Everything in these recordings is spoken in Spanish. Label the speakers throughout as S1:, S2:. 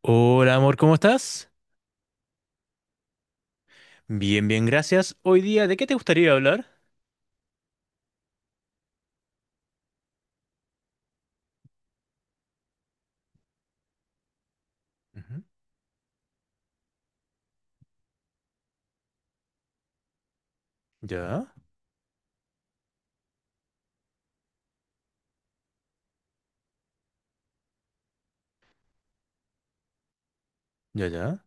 S1: Hola amor, ¿cómo estás? Bien, bien, gracias. Hoy día, ¿de qué te gustaría hablar? Ujú. Ya, ya, ya.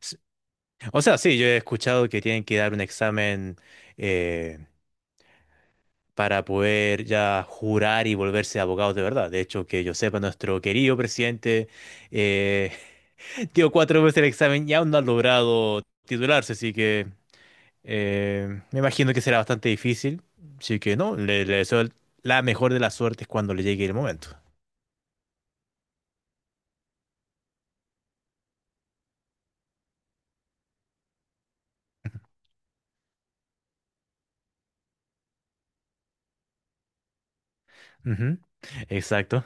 S1: S- O sea, sí, yo he escuchado que tienen que dar un examen eh, para poder ya jurar y volverse abogados de verdad. De hecho, que yo sepa, nuestro querido presidente eh, dio cuatro veces el examen y aún no ha logrado titularse, así que me imagino que será bastante difícil. Así que no, le deseo la mejor de las suertes cuando le llegue el momento. Ujú, exacto.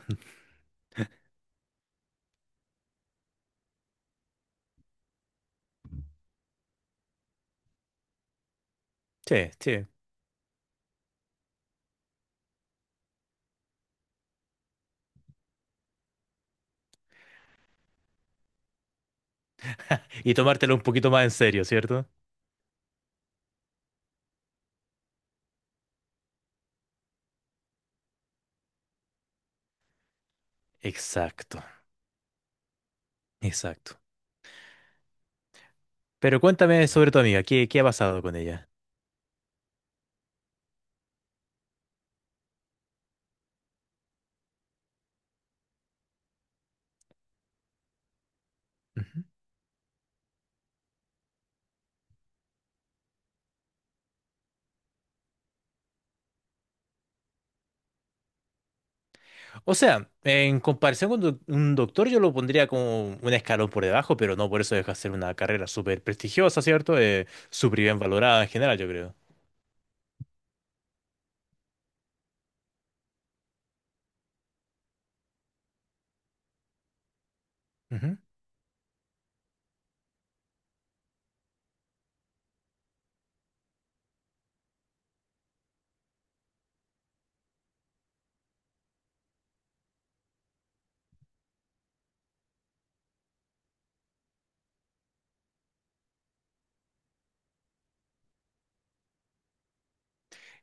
S1: Sí, sí. Y tomártelo un poquito más en serio, ¿cierto? Exacto, exacto. Pero cuéntame sobre tu amiga, ¿qué, qué ha pasado con ella? Ujú. O sea, en comparación con un doctor, yo lo pondría como un escalón por debajo, pero no por eso deja de ser una carrera súper prestigiosa, ¿cierto? Súper bien valorada en general, yo creo.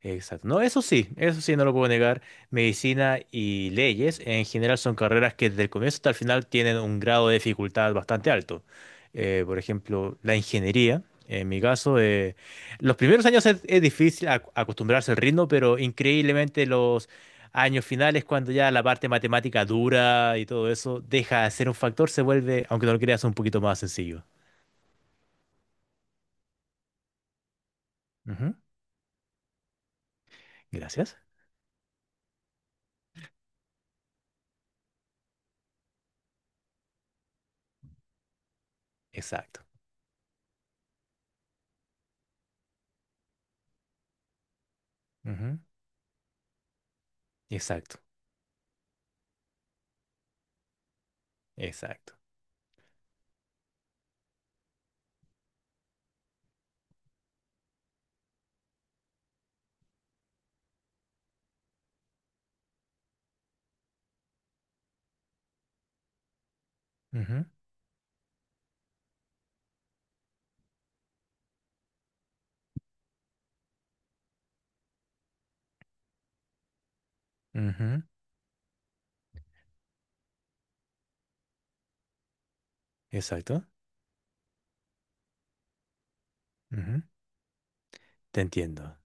S1: Exacto. No, eso sí, no lo puedo negar. Medicina y leyes en general son carreras que desde el comienzo hasta el final tienen un grado de dificultad bastante alto. Por ejemplo, la ingeniería, en mi caso, los primeros años es difícil acostumbrarse al ritmo, pero increíblemente los años finales, cuando ya la parte matemática dura y todo eso deja de ser un factor, se vuelve, aunque no lo creas, un poquito más sencillo. Ujú. Gracias. Exacto. Ujú. Exacto. Exacto. Ujú. Ujú. Exacto. Ujú, te entiendo.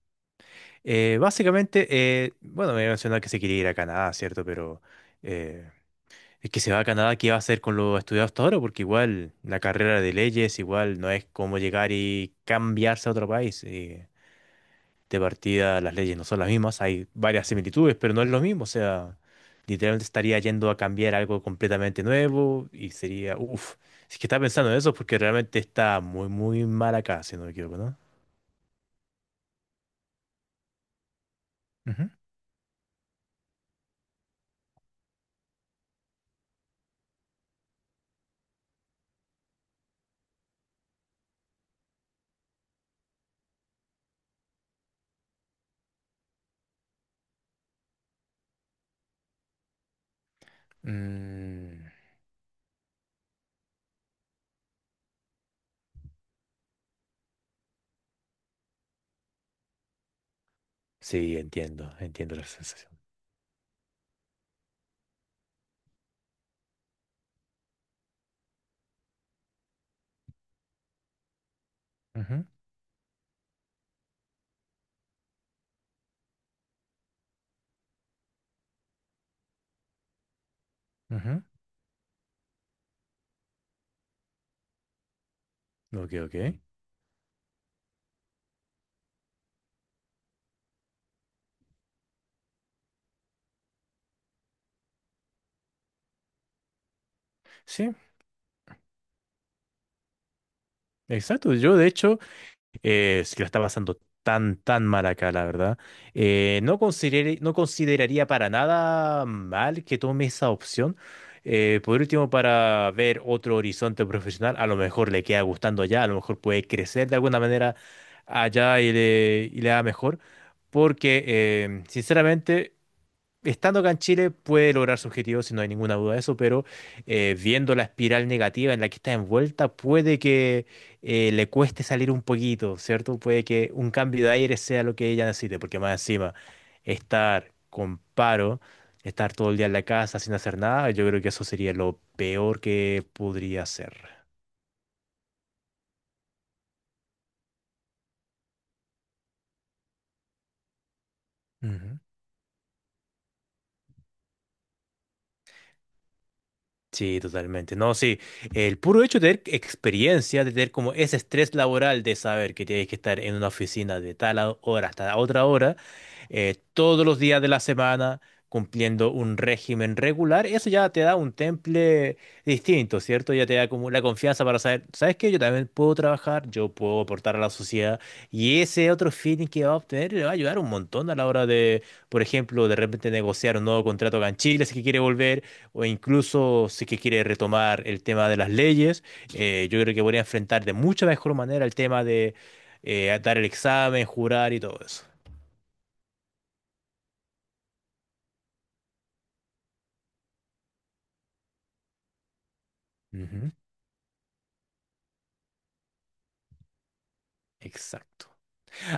S1: Eh, básicamente, bueno, me había mencionado que se quería ir a Canadá, ¿cierto? Pero eh, es que se va a Canadá, ¿qué va a hacer con lo estudiado hasta ahora? Porque igual la carrera de leyes, igual no es como llegar y cambiarse a otro país. De partida, las leyes no son las mismas, hay varias similitudes, pero no es lo mismo. O sea, literalmente estaría yendo a cambiar algo completamente nuevo y sería, uff, si es que está pensando en eso, porque realmente está muy, muy mal acá, si no me equivoco, ¿no? Mm, sí, entiendo, entiendo la sensación. Ujú, ujú. Ok, ok. Sí, exacto. Yo, de hecho, si la está pasando tan, tan mal acá, la verdad, no consideraría para nada mal que tome esa opción. Por último, para ver otro horizonte profesional, a lo mejor le queda gustando allá, a lo mejor puede crecer de alguna manera allá y le da mejor. Porque, sinceramente, estando acá en Chile puede lograr su objetivo, si no hay ninguna duda de eso, pero viendo la espiral negativa en la que está envuelta, puede que le cueste salir un poquito, ¿cierto? Puede que un cambio de aire sea lo que ella necesite, porque más encima, estar con paro, estar todo el día en la casa sin hacer nada, yo creo que eso sería lo peor que podría hacer. Sí, totalmente. No, sí, el puro hecho de tener experiencia, de tener como ese estrés laboral de saber que tienes que estar en una oficina de tal hora hasta otra hora, todos los días de la semana, cumpliendo un régimen regular, eso ya te da un temple distinto, ¿cierto? Ya te da como la confianza para saber, ¿sabes qué? Yo también puedo trabajar, yo puedo aportar a la sociedad y ese otro feeling que va a obtener le va a ayudar un montón a la hora de, por ejemplo, de repente negociar un nuevo contrato acá en Chile si es que quiere volver o incluso si que quiere retomar el tema de las leyes, yo creo que podría enfrentar de mucha mejor manera el tema de dar el examen, jurar y todo eso. Ujú, exacto.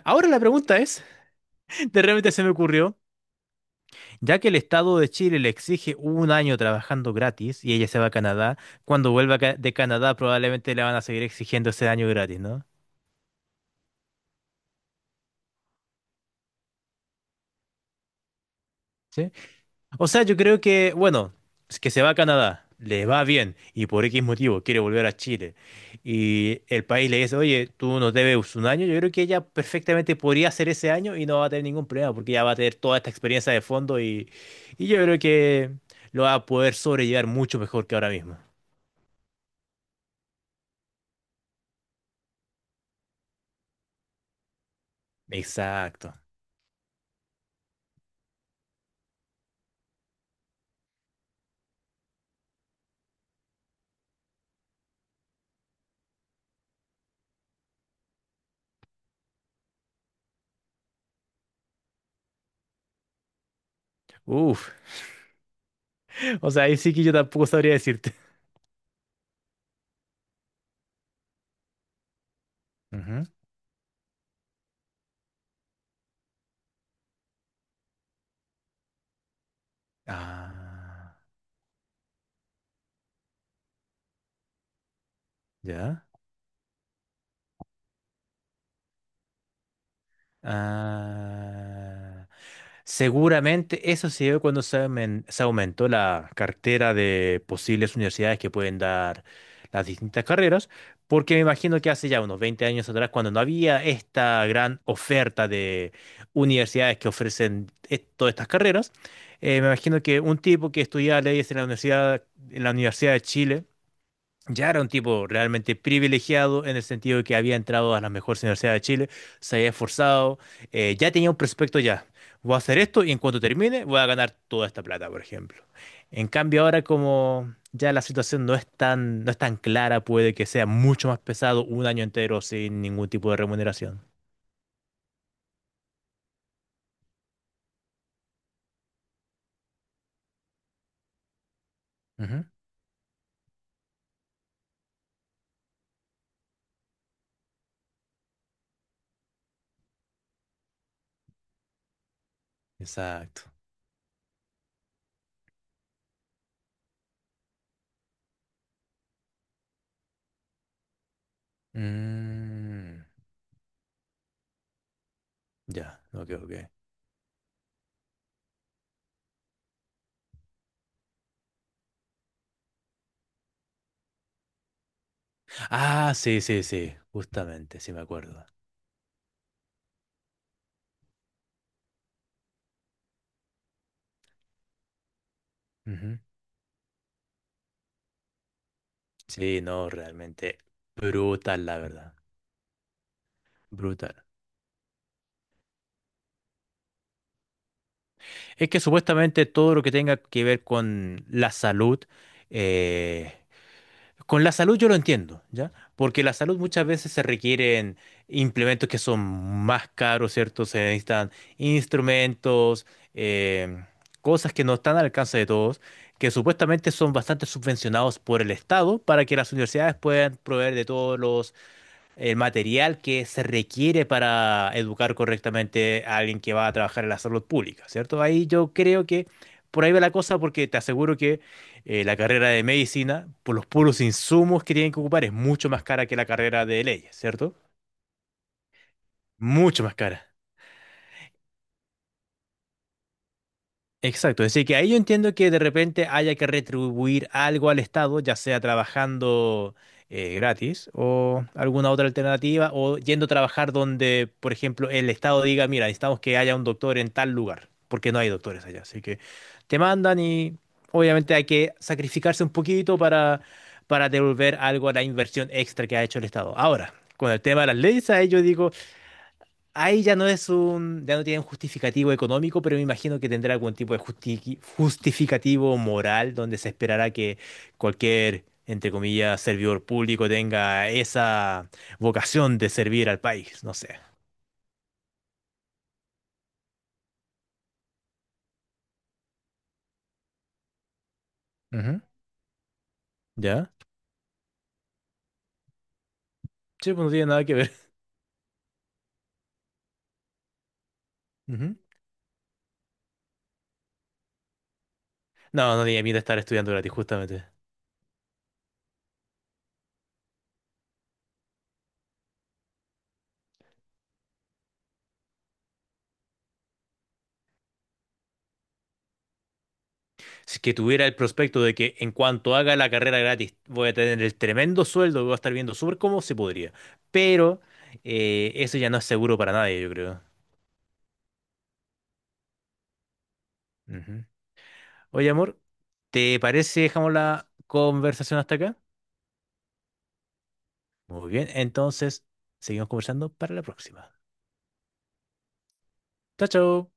S1: Ahora la pregunta es, de repente se me ocurrió, ya que el Estado de Chile le exige un año trabajando gratis y ella se va a Canadá, cuando vuelva de Canadá probablemente le van a seguir exigiendo ese año gratis, ¿no? O sea, yo creo que, bueno, es que se va a Canadá, le va bien y por X motivo quiere volver a Chile y el país le dice, oye, tú nos debes un año, yo creo que ella perfectamente podría hacer ese año y no va a tener ningún problema porque ya va a tener toda esta experiencia de fondo y yo creo que lo va a poder sobrellevar mucho mejor que ahora mismo. Exacto. Uf, o sea, ahí sí que yo tampoco sabría decirte. Ujú. Ah, ¿ya? Ah, seguramente eso se dio cuando se aumentó la cartera de posibles universidades que pueden dar las distintas carreras, porque me imagino que hace ya unos 20 años atrás, cuando no había esta gran oferta de universidades que ofrecen todas estas carreras, me imagino que un tipo que estudiaba leyes en la Universidad de Chile, ya era un tipo realmente privilegiado en el sentido de que había entrado a las mejores universidades de Chile, se había esforzado, ya tenía un prospecto ya. Voy a hacer esto y en cuanto termine voy a ganar toda esta plata, por ejemplo. En cambio ahora como ya la situación no es tan clara, puede que sea mucho más pesado un año entero sin ningún tipo de remuneración. Ujú. Exacto. Mm, ya, ok, ok. Ah, sí, sí, sí, justamente, sí me acuerdo. Sí, no, realmente brutal, la verdad. Brutal. Es que supuestamente todo lo que tenga que ver eh, con la salud yo lo entiendo, ¿ya? Porque la salud muchas veces se requieren implementos que son más caros, ¿cierto? Se necesitan instrumentos, em, cosas que no están al alcance de todos, que supuestamente son bastante subvencionados por el Estado para que las universidades puedan proveer de todos los el material que se requiere para educar correctamente a alguien que va a trabajar en la salud pública, ¿cierto? Ahí yo creo que por ahí va la cosa porque te aseguro que la carrera de medicina, por los puros insumos que tienen que ocupar, es mucho más cara que la carrera de leyes, ¿cierto? Mucho más cara. Exacto, es decir, que ahí yo entiendo que de repente haya que retribuir algo al Estado, ya sea trabajando gratis o alguna otra alternativa, o yendo a trabajar donde, por ejemplo, el Estado diga, mira, necesitamos que haya un doctor en tal lugar, porque no hay doctores allá. Así que te mandan y obviamente hay que sacrificarse un poquito para devolver algo a la inversión extra que ha hecho el Estado. Ahora, con el tema de las leyes, ahí yo digo... Ahí ya no es un, ya no tiene un justificativo económico, pero me imagino que tendrá algún tipo de justificativo moral donde se esperará que cualquier, entre comillas, servidor público tenga esa vocación de servir al país, no sé. Ujú. ¿Ya? Sí, pues no tiene nada que ver. Ujú. No, no tiene miedo estar estudiando gratis, justamente. Si es que tuviera el prospecto de que en cuanto haga la carrera gratis voy a tener el tremendo sueldo, voy a estar viendo súper cómo se podría. Pero eso ya no es seguro para nadie, yo creo. Ujú. Oye, amor, ¿te parece si dejamos la conversación hasta acá? Muy bien, entonces seguimos conversando para la próxima. Chao, chao.